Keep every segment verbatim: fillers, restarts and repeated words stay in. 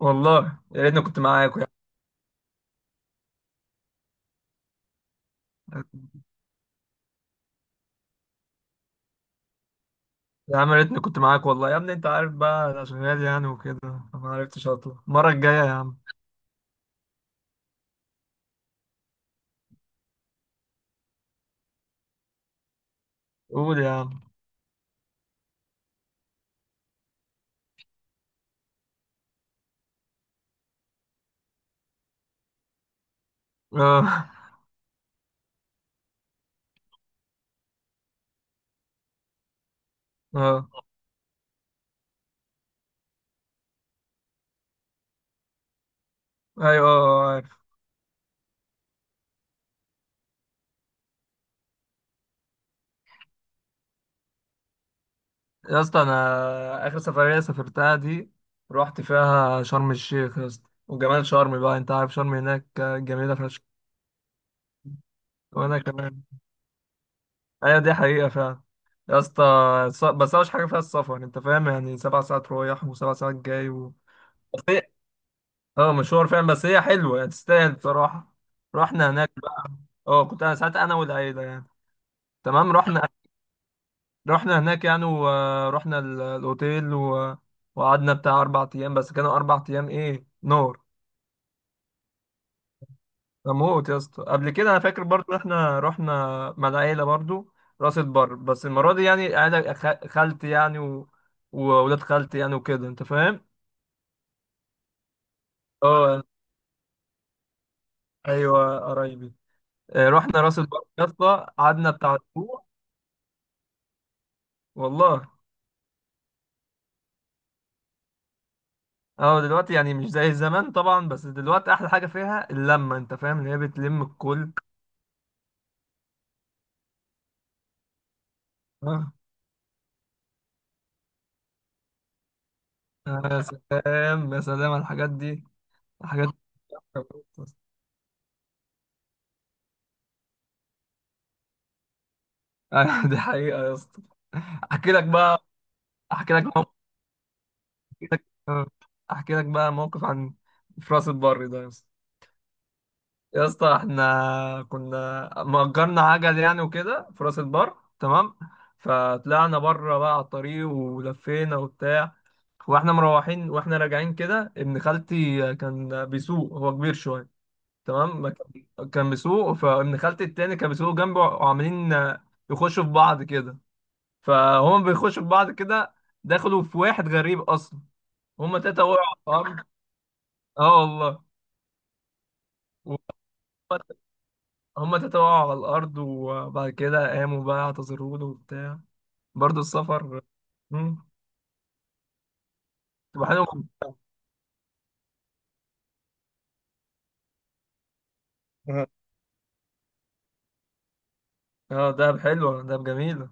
والله يا ريتني كنت معاك يا عم، يا عم يا ريتني كنت معاك والله يا ابني انت عارف بقى انا شغال يعني وكده فما عرفتش اطلع المره الجايه يا عم. قول يا عم. اه اه. ايوه اه اه، عارف. يا اسطى، انا اخر سفريه سافرتها دي رحت فيها شرم الشيخ يا اسطى. وجمال شرم بقى انت عارف شرم هناك جميله فشخ. وانا كمان. ايوه دي حقيقه فعلا يا اسطى. الس- بس اوحش حاجه فيها السفر انت فاهم يعني سبع ساعات رايح وسبع ساعات جاي و اه مشوار فعلا، بس هي حلوه يعني تستاهل بصراحه. رحنا هناك بقى. اه كنت انا ساعتها انا والعيله يعني. تمام رحنا. رحنا هناك يعني ورحنا ال- الاوتيل و وقعدنا بتاع اربع ايام، بس كانوا اربع ايام ايه نار. اموت يا اسطى. قبل كده انا فاكر برضو احنا رحنا مع العيله برضو راس البر. بس المره دي يعني عيله خ- خالتي يعني و وولاد خالتي يعني وكده انت فاهم. اه ايوه قرايبي. آه، رحنا راس البر يا اسطى قعدنا بتاع اسبوع. والله. اه دلوقتي يعني مش زي زمان طبعا، بس دلوقتي احلى حاجه فيها اللمه انت فاهم اللي هي بتلم الكل. اه يا سلام يا سلام على الحاجات دي. الحاجات دي آه، دي حقيقه يا اسطى. احكي لك بقى احكي لك موقف احكي لك آه، أحكي لك بقى موقف عن في راس البر ده يا اسطى. يا اسطى احنا كنا مأجرنا عجل يعني وكده في راس البر تمام. فطلعنا بره بقى على الطريق ولفينا وبتاع. واحنا مروحين واحنا راجعين كده ابن خالتي كان بيسوق هو كبير شويه. تمام ما كان كان بيسوق فابن خالتي التاني كان بيسوق جنبه وعمالين يخشوا في بعض كده. فهم بيخشوا في بعض كده. دخلوا في واحد غريب اصلا. هم تلاته وقعوا على الارض. اه والله. هم تلاته وقعوا على الارض وبعد كده قاموا بقى اعتذروا له وبتاع. برضه السفر. مم. تبقى حلو. اه آه، دهب حلوه دهب جميله.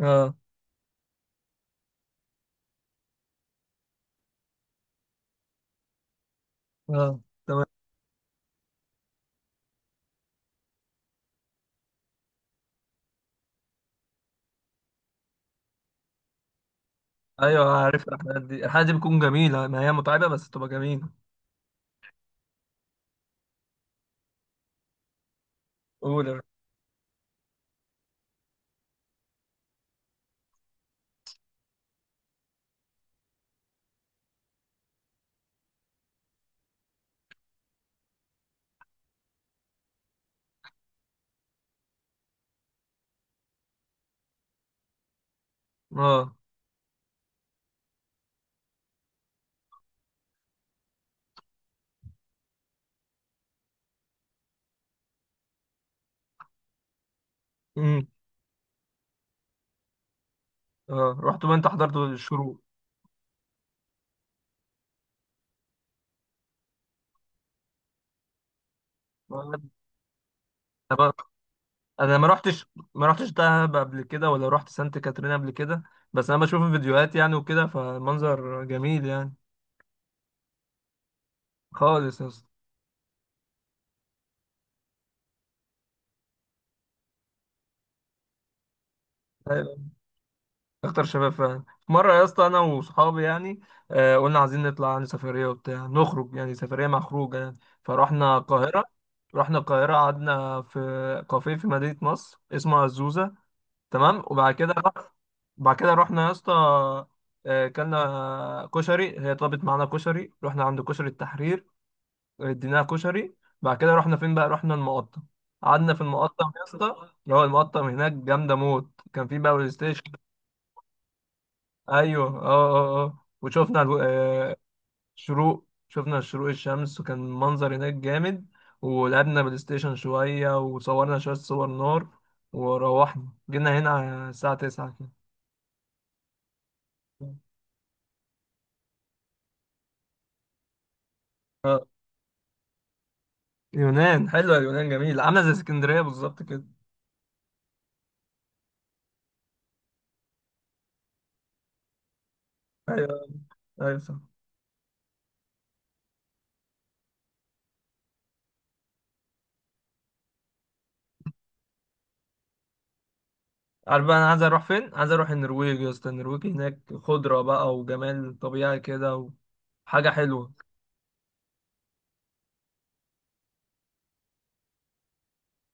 اه اه. تمام. ايوه عارف. الحلقات دي الحلقات دي بتكون جميله، ما هي متعبه بس تبقى جميله. قول يا باشا. اه. امم اه رحت بقى انت حضرت الشروق. انا بقى- أنا ما رحتش ما رحتش دهب قبل كده ولا رحت سانت كاترين قبل كده. بس انا بشوف الفيديوهات يعني وكده فالمنظر جميل يعني. خالص يا اسطى. اكتر شباب فعلا. مره يا اسطى انا وصحابي يعني، آه قلنا عايزين نطلع يعني سفريه وبتاع نخرج يعني سفريه مع خروجه يعني. فرحنا القاهره رحنا القاهره قعدنا في كافيه في مدينه نصر اسمه الزوزه. تمام. وبعد كده رح- بعد كده رحنا يا اسطى. آه، كلنا كشري هي طلبت معانا كشري رحنا عند كشري التحرير اديناها كشري. بعد كده رحنا فين بقى؟ رحنا المقطم. قعدنا في المقطم يا اسطى اللي هو المقطم هناك جامده موت. كان في بقى بلاي ستيشن. ايوه اه اه اه. وشفنا الو... آه شروق شفنا شروق الشمس وكان منظر هناك جامد. ولعبنا بلاي ستيشن شوية وصورنا شوية صور نار. وروحنا جينا هنا على الساعة 9 كده. آه. يونان حلوة. اليونان جميلة عاملة زي اسكندرية بالظبط كده. ايوه ايوه صح. عارف بقى انا عايز اروح فين؟ عايز اروح النرويج يا اسطى. النرويج هناك خضرة بقى وجمال طبيعي كده وحاجة حلوة.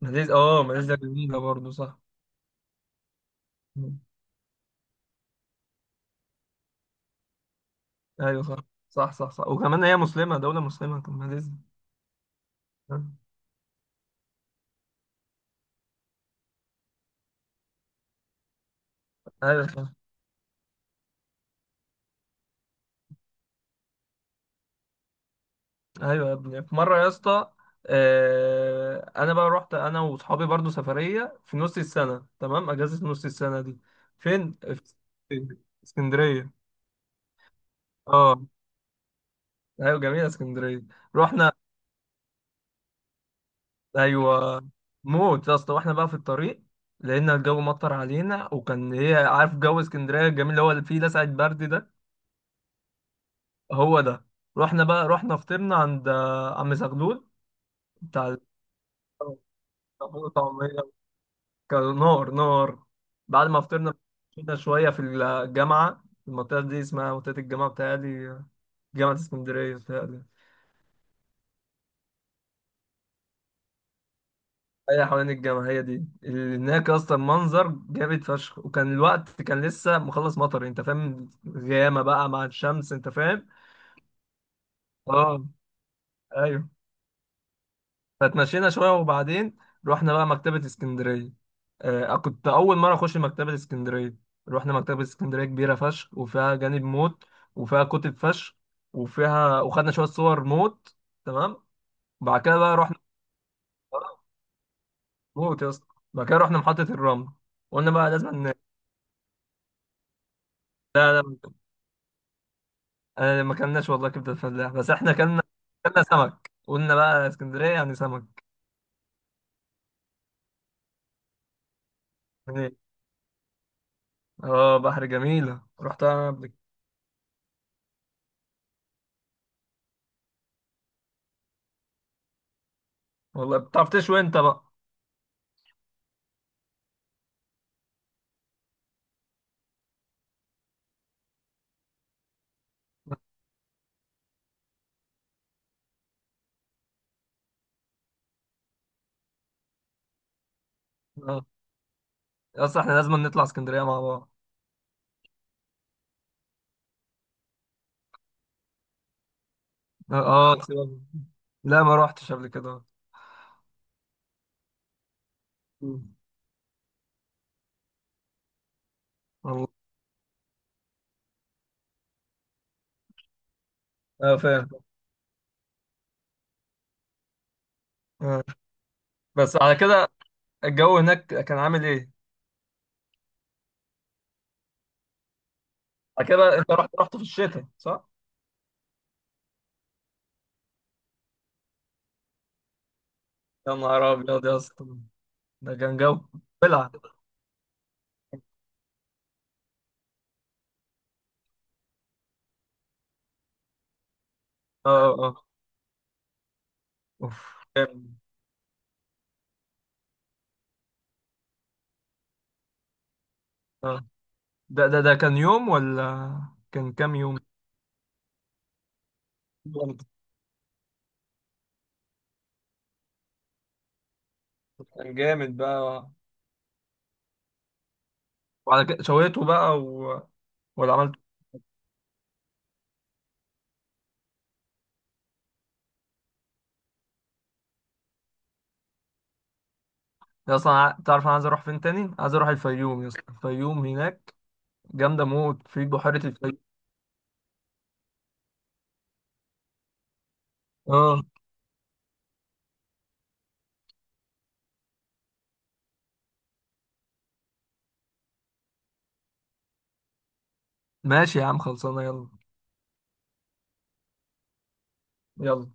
ماليزيا اه ماليزيا جميلة برضه صح. ايوه صح صح صح صح. وكمان هي مسلمه، دوله مسلمه، طب ما لازم. ايوه صح. ايوه يا ابني. في مره يا اسطى، آه، انا بقى رحت انا واصحابي برضو سفريه في نص السنه، تمام اجازه نص السنه دي. فين؟ في اسكندريه. اه ايوه جميله اسكندريه. رحنا. ايوه موت يا اسطى. واحنا بقى في الطريق لقينا الجو مطر علينا وكان هي عارف جو اسكندريه الجميل اللي هو اللي فيه لسعة برد ده. هو ده. رحنا بقى. رحنا فطرنا عند آه، عم زغلول بتاع الفول وطعمية. كان نار نار. بعد ما فطرنا كنا شوية في الجامعة. المنطقة دي اسمها منطقة الجامعة بتاعتي، جامعة اسكندرية بتاعتي. هي حوالين الجامعة. هي دي اللي هناك أصلا منظر جامد فشخ. وكان الوقت كان لسه مخلص مطر أنت فاهم، غيامة بقى مع الشمس أنت فاهم. اه. أيوه. فتمشينا شويه وبعدين رحنا بقى مكتبه اسكندريه. آه كنت اول مره اخش مكتبه اسكندريه. رحنا مكتبه اسكندريه. كبيره فشخ وفيها جانب موت وفيها كتب فشخ. وفيها وخدنا شويه صور موت. تمام. بعد كده بقى رحنا موت يا اسطى. بعد كده رحنا محطه الرمل. قلنا بقى لازم ن... آه ما كلناش والله كبده الفلاح بس احنا كلنا. كلنا سمك. قلنا بقى اسكندريه يعني سمك يعني. اه بحر جميله رحتها قبل كده. والله بتعرف تشوي انت بقى. اصل احنا لازم نطلع اسكندريه مع بعض. اه. آه، سيبك. لا ما روحتش قبل كده. مم. والله. اه فاهم. آه. بس على كده الجو هناك كان عامل ايه؟ على كده انت رحت رحت في الشتاء صح؟ يا نهار ابيض يا اسطى. ده كان جو. بلع. اه اه اه. اوف جامد. آه. ده ده ده كان يوم ولا كان كام يوم؟ جامد. كان جامد بقى. وعلى كده شويته بقى و ولا عملت يا اصلا ع- تعرف انا عايز اروح فين تاني؟ عايز اروح الفيوم يا اسطى. الفيوم هناك جامدة موت في بحيرة الفيشة. اه ماشي يا عم خلصانة يلا. يلا